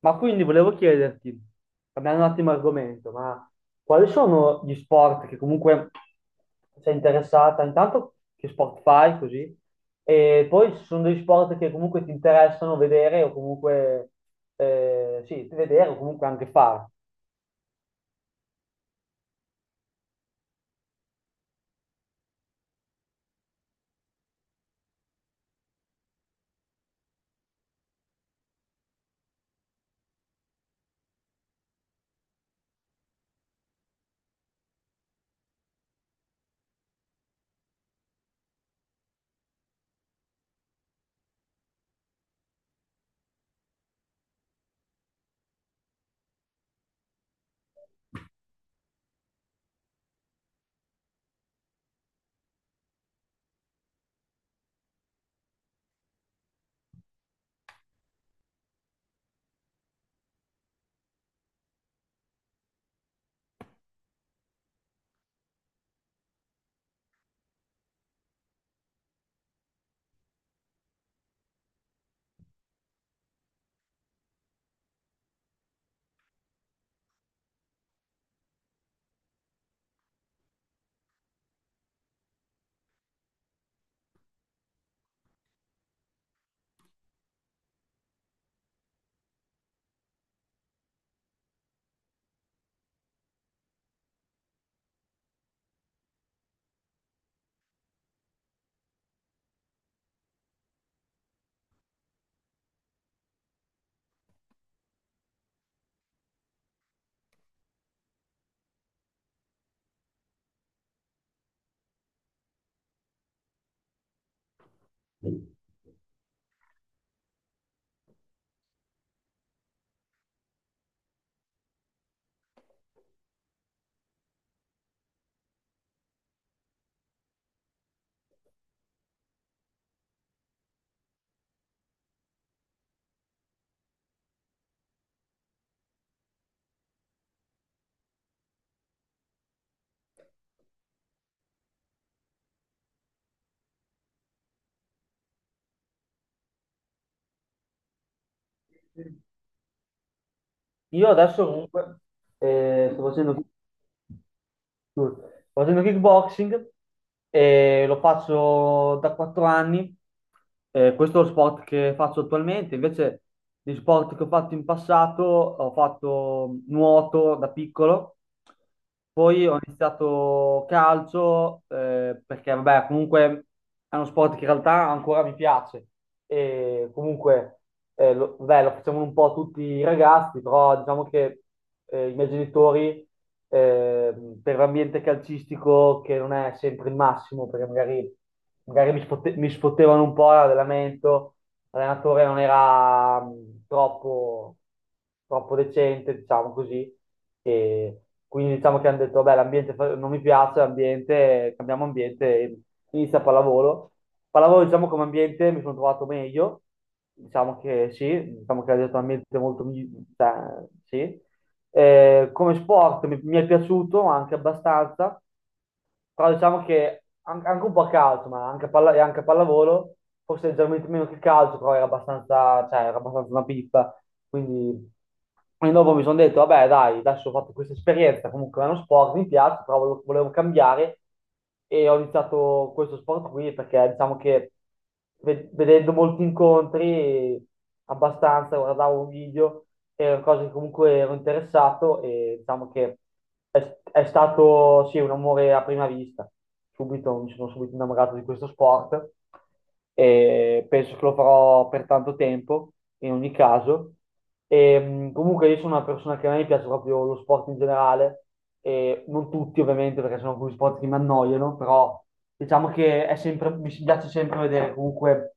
Ma quindi volevo chiederti, cambiando un attimo argomento, ma quali sono gli sport che comunque sei interessata? Intanto che sport fai così? E poi ci sono degli sport che comunque ti interessano vedere o comunque sì, vedere o comunque anche fare. Io adesso comunque sto Sto Facendo kickboxing e lo faccio da 4 anni. Questo è lo sport che faccio attualmente. Invece, gli sport che ho fatto in passato, ho fatto nuoto da piccolo, poi ho iniziato calcio, perché vabbè, comunque è uno sport che in realtà ancora mi piace. E comunque vabbè, lo facciamo un po' tutti i ragazzi, però diciamo che i miei genitori per l'ambiente calcistico che non è sempre il massimo, perché magari, mi sfottevano un po' l'allenamento, l'allenatore non era troppo, troppo decente, diciamo così, e quindi diciamo che hanno detto, vabbè, non mi piace, l'ambiente, cambiamo ambiente, e inizia pallavolo. Pallavolo, diciamo, come ambiente mi sono trovato meglio, diciamo che sì, diciamo che ha detto un ambiente molto, cioè, sì, mi è piaciuto anche abbastanza, però diciamo che anche un po' a calcio, ma e anche a pallavolo, forse leggermente meno che il calcio, però era abbastanza, cioè, era abbastanza una pippa. Quindi, e dopo mi sono detto, vabbè, dai, adesso ho fatto questa esperienza, comunque è uno sport, mi piace, però volevo cambiare e ho iniziato questo sport qui perché diciamo che vedendo molti incontri, abbastanza, guardavo un video, erano cose che comunque ero interessato e diciamo che è stato sì, un amore a prima vista. Subito, mi sono subito innamorato di questo sport e penso che lo farò per tanto tempo, in ogni caso. Comunque io sono una persona che a me piace proprio lo sport in generale, e non tutti ovviamente perché sono alcuni sport che mi annoiano, però diciamo che è sempre, mi piace sempre vedere comunque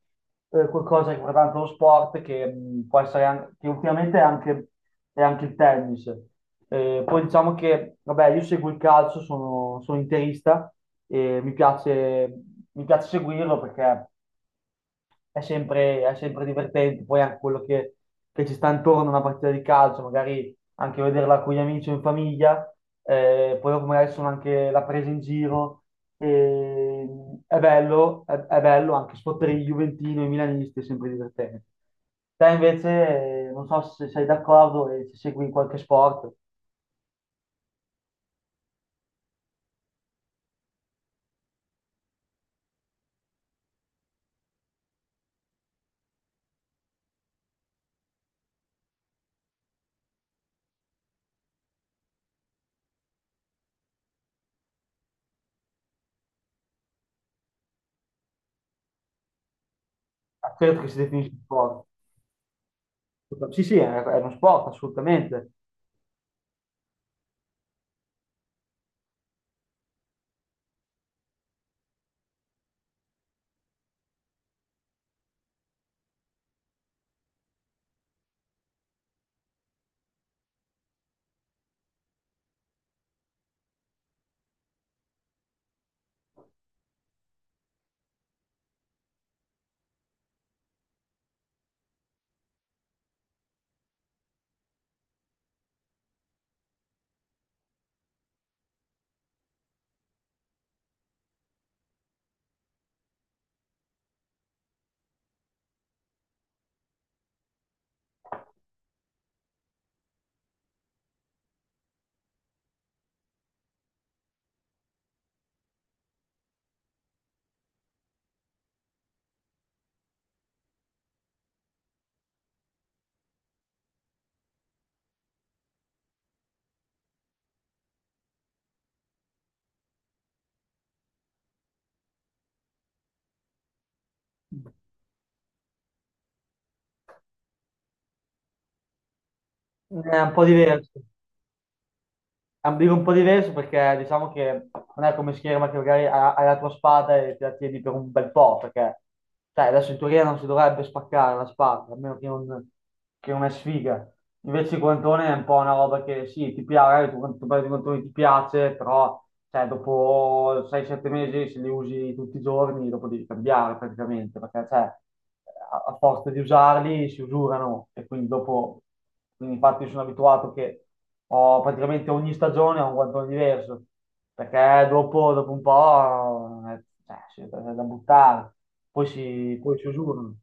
qualcosa riguardante lo sport che può essere che ultimamente è anche il tennis. Poi diciamo che, vabbè, io seguo il calcio, sono interista e mi piace seguirlo perché è sempre divertente. Poi anche che ci sta intorno a una partita di calcio, magari anche vederla con gli amici o in famiglia, poi dopo magari sono anche la presa in giro. E, è bello anche sfottere i Juventino e i Milanisti, è sempre divertente. Te invece, non so se sei d'accordo e se segui in qualche sport, a quello che si definisce sport. Sì, sì, è uno sport, assolutamente. È un po' diverso. Ambire un po' diverso perché diciamo che non è come scherma che magari hai la tua spada e te la tieni per un bel po', perché sai, adesso in teoria non si dovrebbe spaccare la spada, a meno che non è sfiga. Invece il guantone è un po' una roba che sì, ti piace, magari tu quando tu prendi i guantoni ti piace, però cioè, dopo 6-7 mesi se li usi tutti i giorni, dopo devi cambiare praticamente, perché cioè, a forza di usarli si usurano e quindi dopo, quindi infatti io sono abituato che ho praticamente ogni stagione ho un guantone diverso, perché dopo un po' cioè, sì, è da buttare, poi si usurano.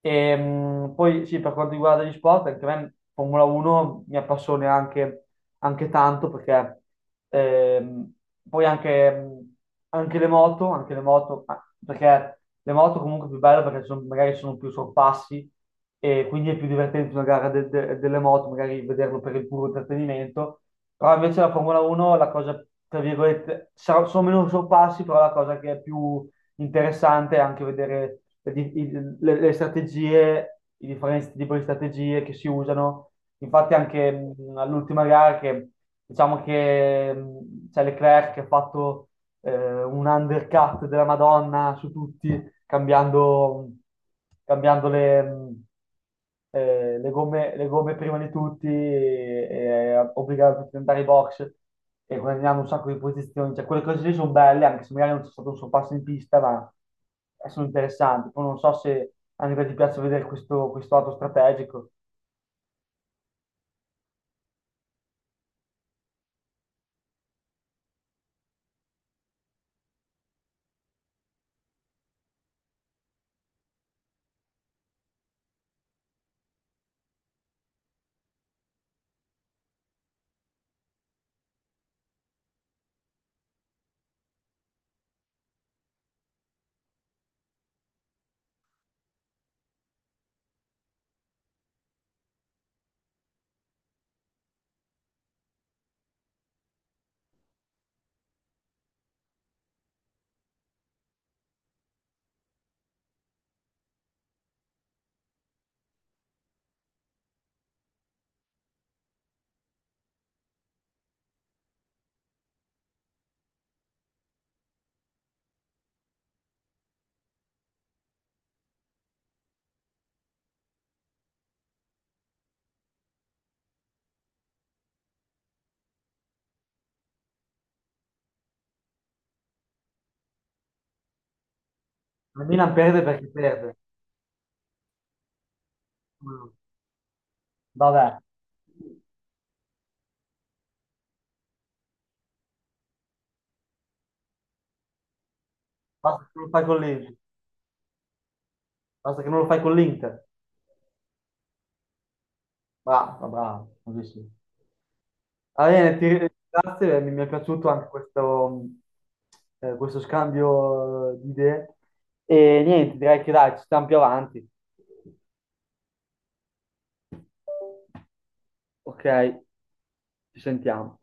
Poi sì, per quanto riguarda gli sport, anche a me Formula 1 mi appassiona anche tanto perché ehm, poi anche, anche le moto, ah, perché le moto comunque è più belle perché magari sono più sorpassi e quindi è più divertente una gara delle moto, magari vederlo per il puro intrattenimento, però invece la Formula 1 la cosa, tra virgolette, sono meno sorpassi, però la cosa che è più interessante anche vedere le strategie, i differenti tipi di strategie che si usano. Infatti anche all'ultima gara che diciamo che c'è Leclerc che ha fatto un undercut della Madonna su tutti cambiando, cambiando le gomme prima di tutti, e obbligando tutti ad andare in box e guadagnando un sacco di posizioni. Cioè, quelle cose lì sono belle, anche se magari non c'è stato un sorpasso in pista, ma sono interessanti. Poi non so se a livello ti piace vedere questo lato strategico. La Milan perde perché perde. Mm. Vabbè, basta che non lo fai con l'Inter. Basta che non lo fai con l'Inter. Bravo, bravo, così sì. Va bene, ti ringrazio, mi è piaciuto anche questo, questo scambio di idee. E niente, direi che dai, ci stiamo più avanti. Ok, ci sentiamo.